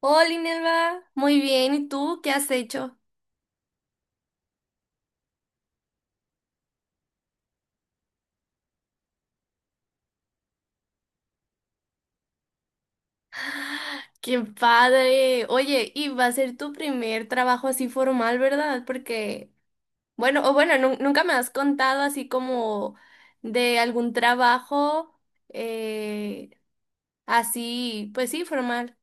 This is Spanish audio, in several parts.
Hola, Inelva. Muy bien. ¿Y tú qué has hecho? ¡Qué padre! Oye, y va a ser tu primer trabajo así formal, ¿verdad? Porque, bueno, o bueno, nunca me has contado así como de algún trabajo eh, así, pues sí, formal.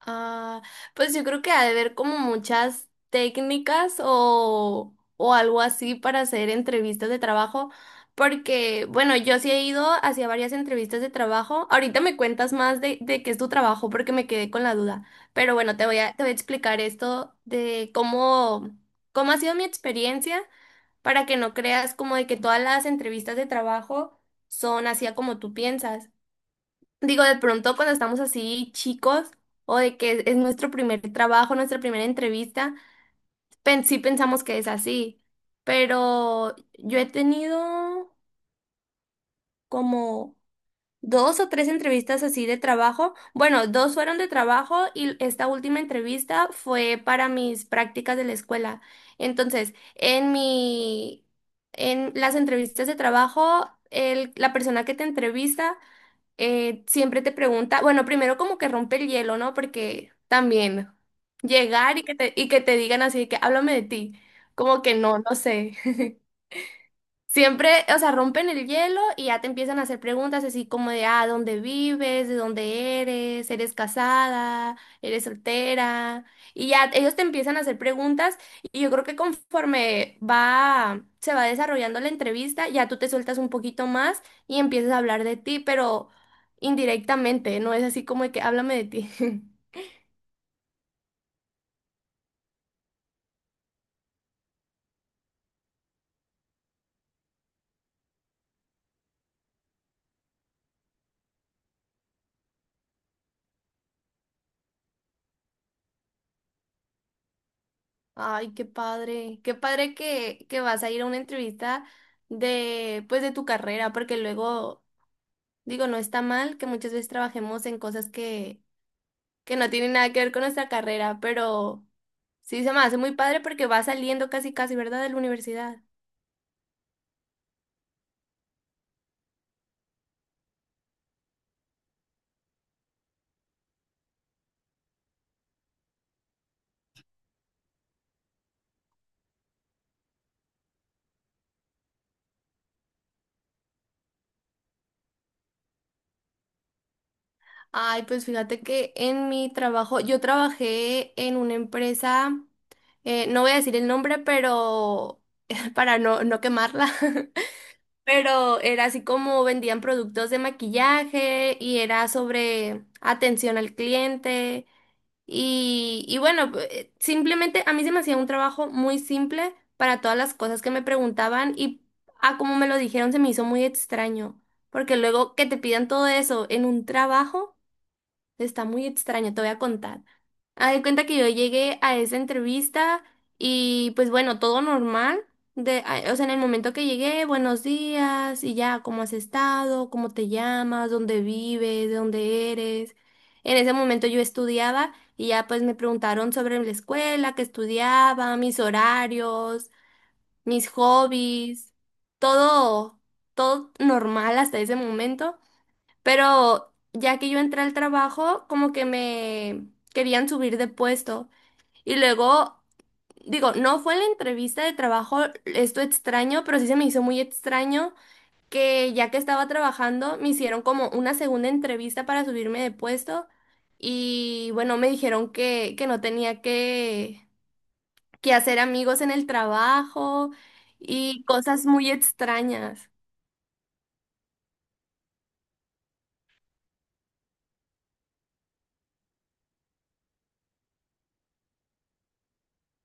Ah, pues yo creo que ha de haber como muchas técnicas o algo así para hacer entrevistas de trabajo, porque bueno, yo sí he ido hacia varias entrevistas de trabajo. Ahorita me cuentas más de qué es tu trabajo porque me quedé con la duda, pero bueno, te voy a explicar esto de cómo, cómo ha sido mi experiencia para que no creas como de que todas las entrevistas de trabajo son así a como tú piensas. Digo, de pronto cuando estamos así chicos o de que es nuestro primer trabajo, nuestra primera entrevista, sí pensamos que es así, pero yo he tenido como dos o tres entrevistas así de trabajo. Bueno, dos fueron de trabajo y esta última entrevista fue para mis prácticas de la escuela. Entonces, en las entrevistas de trabajo, la persona que te entrevista siempre te pregunta, bueno, primero como que rompe el hielo, ¿no? Porque también llegar y que te digan así, de que háblame de ti, como que no, no sé. Siempre, o sea, rompen el hielo y ya te empiezan a hacer preguntas así como de, ah, ¿dónde vives? ¿De dónde eres? ¿Eres casada? ¿Eres soltera? Y ya ellos te empiezan a hacer preguntas y yo creo que se va desarrollando la entrevista, ya tú te sueltas un poquito más y empiezas a hablar de ti, pero indirectamente, no es así como de que háblame de ti. Ay, qué padre que vas a ir a una entrevista de, pues, de tu carrera, porque luego digo, no está mal que muchas veces trabajemos en cosas que no tienen nada que ver con nuestra carrera, pero sí se me hace muy padre porque va saliendo casi casi, ¿verdad? De la universidad. Ay, pues fíjate que en mi trabajo, yo trabajé en una empresa, no voy a decir el nombre, pero para no quemarla. Pero era así como vendían productos de maquillaje y era sobre atención al cliente. Y bueno, simplemente a mí se me hacía un trabajo muy simple para todas las cosas que me preguntaban y a como me lo dijeron se me hizo muy extraño, porque luego que te pidan todo eso en un trabajo está muy extraño, te voy a contar. Haz de cuenta que yo llegué a esa entrevista y pues bueno, todo normal. O sea, en el momento que llegué, buenos días y ya, ¿cómo has estado? ¿Cómo te llamas? ¿Dónde vives? ¿De dónde eres? En ese momento yo estudiaba y ya pues me preguntaron sobre la escuela, que estudiaba, mis horarios, mis hobbies, todo, todo normal hasta ese momento. Pero ya que yo entré al trabajo, como que me querían subir de puesto. Y luego, digo, no fue en la entrevista de trabajo esto extraño, pero sí se me hizo muy extraño que ya que estaba trabajando, me hicieron como una segunda entrevista para subirme de puesto y bueno, me dijeron que no tenía que hacer amigos en el trabajo y cosas muy extrañas.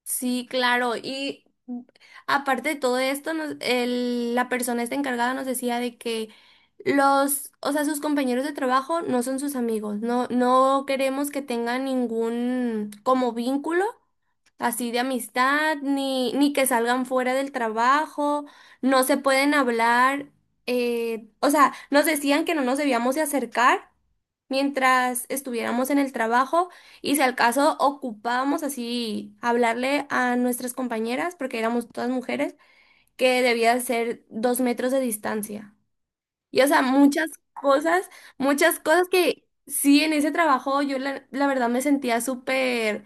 Sí, claro. Y aparte de todo esto, la persona esta encargada nos decía de que los, o sea, sus compañeros de trabajo no son sus amigos. No, no queremos que tengan ningún como vínculo así de amistad, ni que salgan fuera del trabajo, no se pueden hablar, o sea, nos decían que no nos debíamos de acercar mientras estuviéramos en el trabajo y si al caso ocupábamos así hablarle a nuestras compañeras, porque éramos todas mujeres, que debía ser dos metros de distancia. Y o sea, muchas cosas que sí, en ese trabajo yo la verdad me sentía súper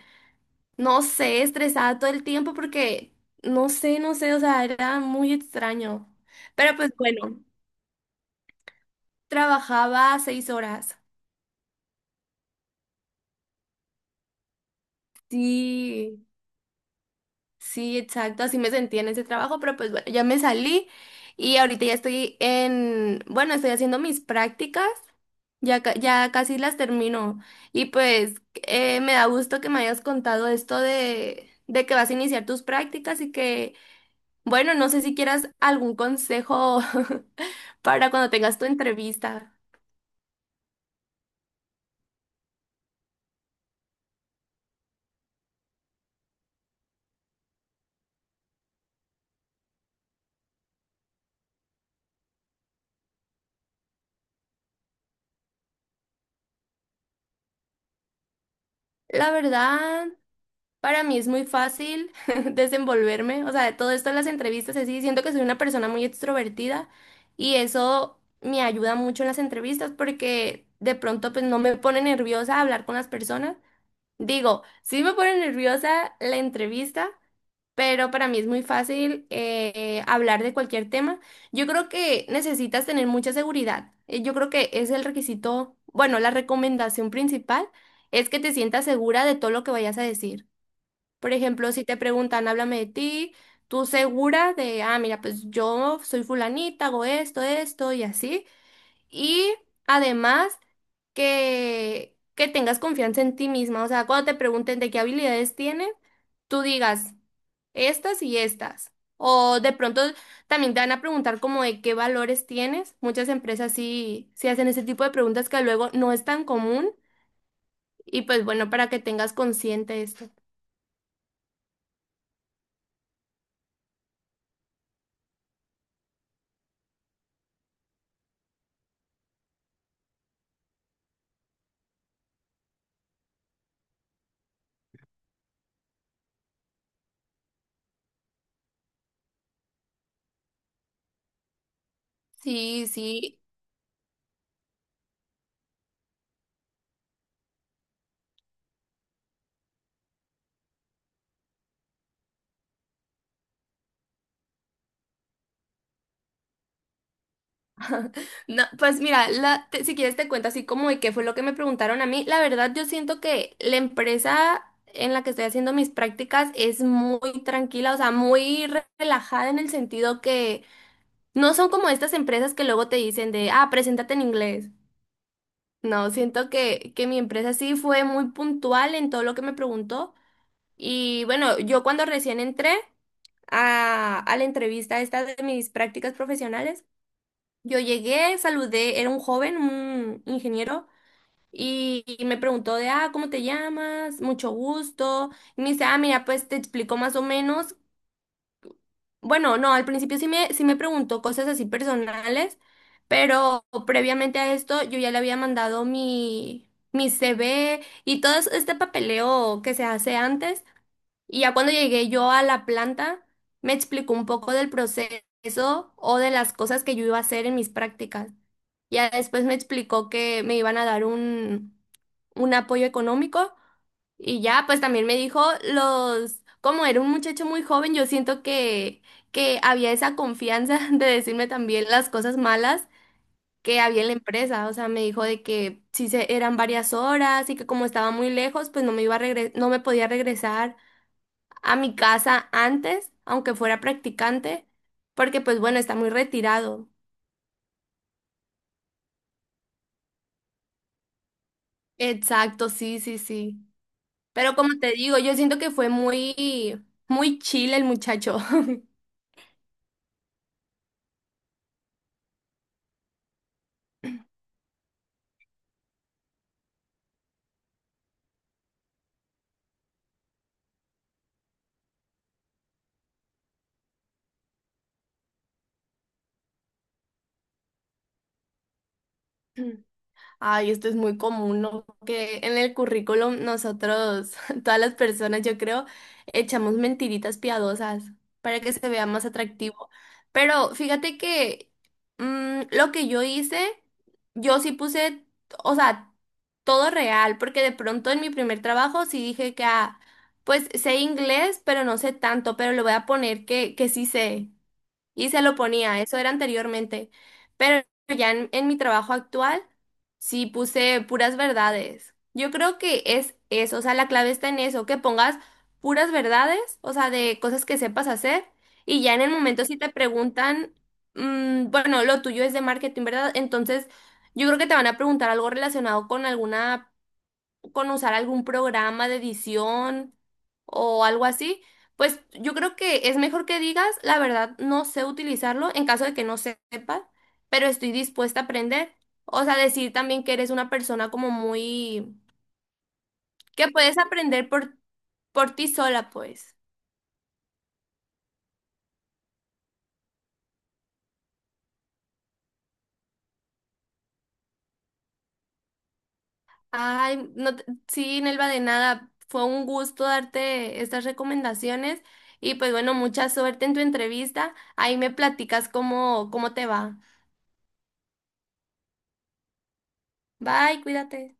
no sé, estresada todo el tiempo porque, no sé, no sé, o sea, era muy extraño. Pero pues bueno, trabajaba seis horas. Sí, sí, exacto, así me sentía en ese trabajo, pero pues bueno, ya me salí y ahorita ya estoy en, bueno, estoy haciendo mis prácticas. Ya, ya casi las termino. Y pues me da gusto que me hayas contado esto de que vas a iniciar tus prácticas y que bueno, no sé si quieras algún consejo para cuando tengas tu entrevista. La verdad, para mí es muy fácil desenvolverme, o sea, de todo esto de las entrevistas, así, siento que soy una persona muy extrovertida y eso me ayuda mucho en las entrevistas porque de pronto pues no me pone nerviosa hablar con las personas. Digo, sí me pone nerviosa la entrevista, pero para mí es muy fácil hablar de cualquier tema. Yo creo que necesitas tener mucha seguridad. Yo creo que es el requisito, bueno, la recomendación principal es que te sientas segura de todo lo que vayas a decir. Por ejemplo, si te preguntan, háblame de ti, tú segura de, ah, mira, pues yo soy fulanita, hago esto, esto y así. Y además que tengas confianza en ti misma. O sea, cuando te pregunten de qué habilidades tienes, tú digas estas y estas. O de pronto también te van a preguntar como de qué valores tienes. Muchas empresas sí, sí hacen ese tipo de preguntas que luego no es tan común. Y pues bueno, para que tengas consciente esto. Sí, sí. No, pues mira, si quieres te cuento así como de qué fue lo que me preguntaron a mí. La verdad, yo siento que la empresa en la que estoy haciendo mis prácticas es muy tranquila, o sea, muy relajada en el sentido que no son como estas empresas que luego te dicen de, ah, preséntate en inglés. No, siento que mi empresa sí fue muy puntual en todo lo que me preguntó. Y bueno, yo cuando recién entré a la entrevista esta de mis prácticas profesionales, yo llegué, saludé, era un joven, un ingeniero, y me preguntó de, ah, ¿cómo te llamas? Mucho gusto. Y me dice, ah, mira, pues te explico más o menos bueno, no, al principio sí me preguntó cosas así personales, pero previamente a esto yo ya le había mandado mi CV y todo este papeleo que se hace antes. Y ya cuando llegué yo a la planta, me explicó un poco del proceso o de las cosas que yo iba a hacer en mis prácticas. Ya después me explicó que me iban a dar un apoyo económico. Y ya, pues también me dijo los, como era un muchacho muy joven, yo siento que había esa confianza de decirme también las cosas malas que había en la empresa. O sea, me dijo de que si se, eran varias horas y que como estaba muy lejos, pues no me iba a no me podía regresar a mi casa antes, aunque fuera practicante, porque pues bueno, está muy retirado. Exacto, sí, sí, sí. Pero como te digo, yo siento que fue muy, muy chill el muchacho. Ay, esto es muy común, ¿no? Que en el currículum nosotros, todas las personas, yo creo, echamos mentiritas piadosas para que se vea más atractivo. Pero fíjate que lo que yo hice, yo sí puse, o sea, todo real, porque de pronto en mi primer trabajo sí dije que, ah, pues sé inglés, pero no sé tanto, pero le voy a poner que sí sé y se lo ponía, eso era anteriormente. Pero ya en mi trabajo actual, sí puse puras verdades. Yo creo que es eso, o sea, la clave está en eso, que pongas puras verdades, o sea, de cosas que sepas hacer, y ya en el momento si te preguntan, bueno, lo tuyo es de marketing, ¿verdad? Entonces, yo creo que te van a preguntar algo relacionado con alguna con usar algún programa de edición o algo así, pues yo creo que es mejor que digas, la verdad, no sé utilizarlo en caso de que no sepas, pero estoy dispuesta a aprender. O sea, decir también que eres una persona como muy... que puedes aprender por ti sola, pues. Ay, no, sí, Nelva, de nada. Fue un gusto darte estas recomendaciones y pues bueno, mucha suerte en tu entrevista. Ahí me platicas cómo, cómo te va. Bye, cuídate.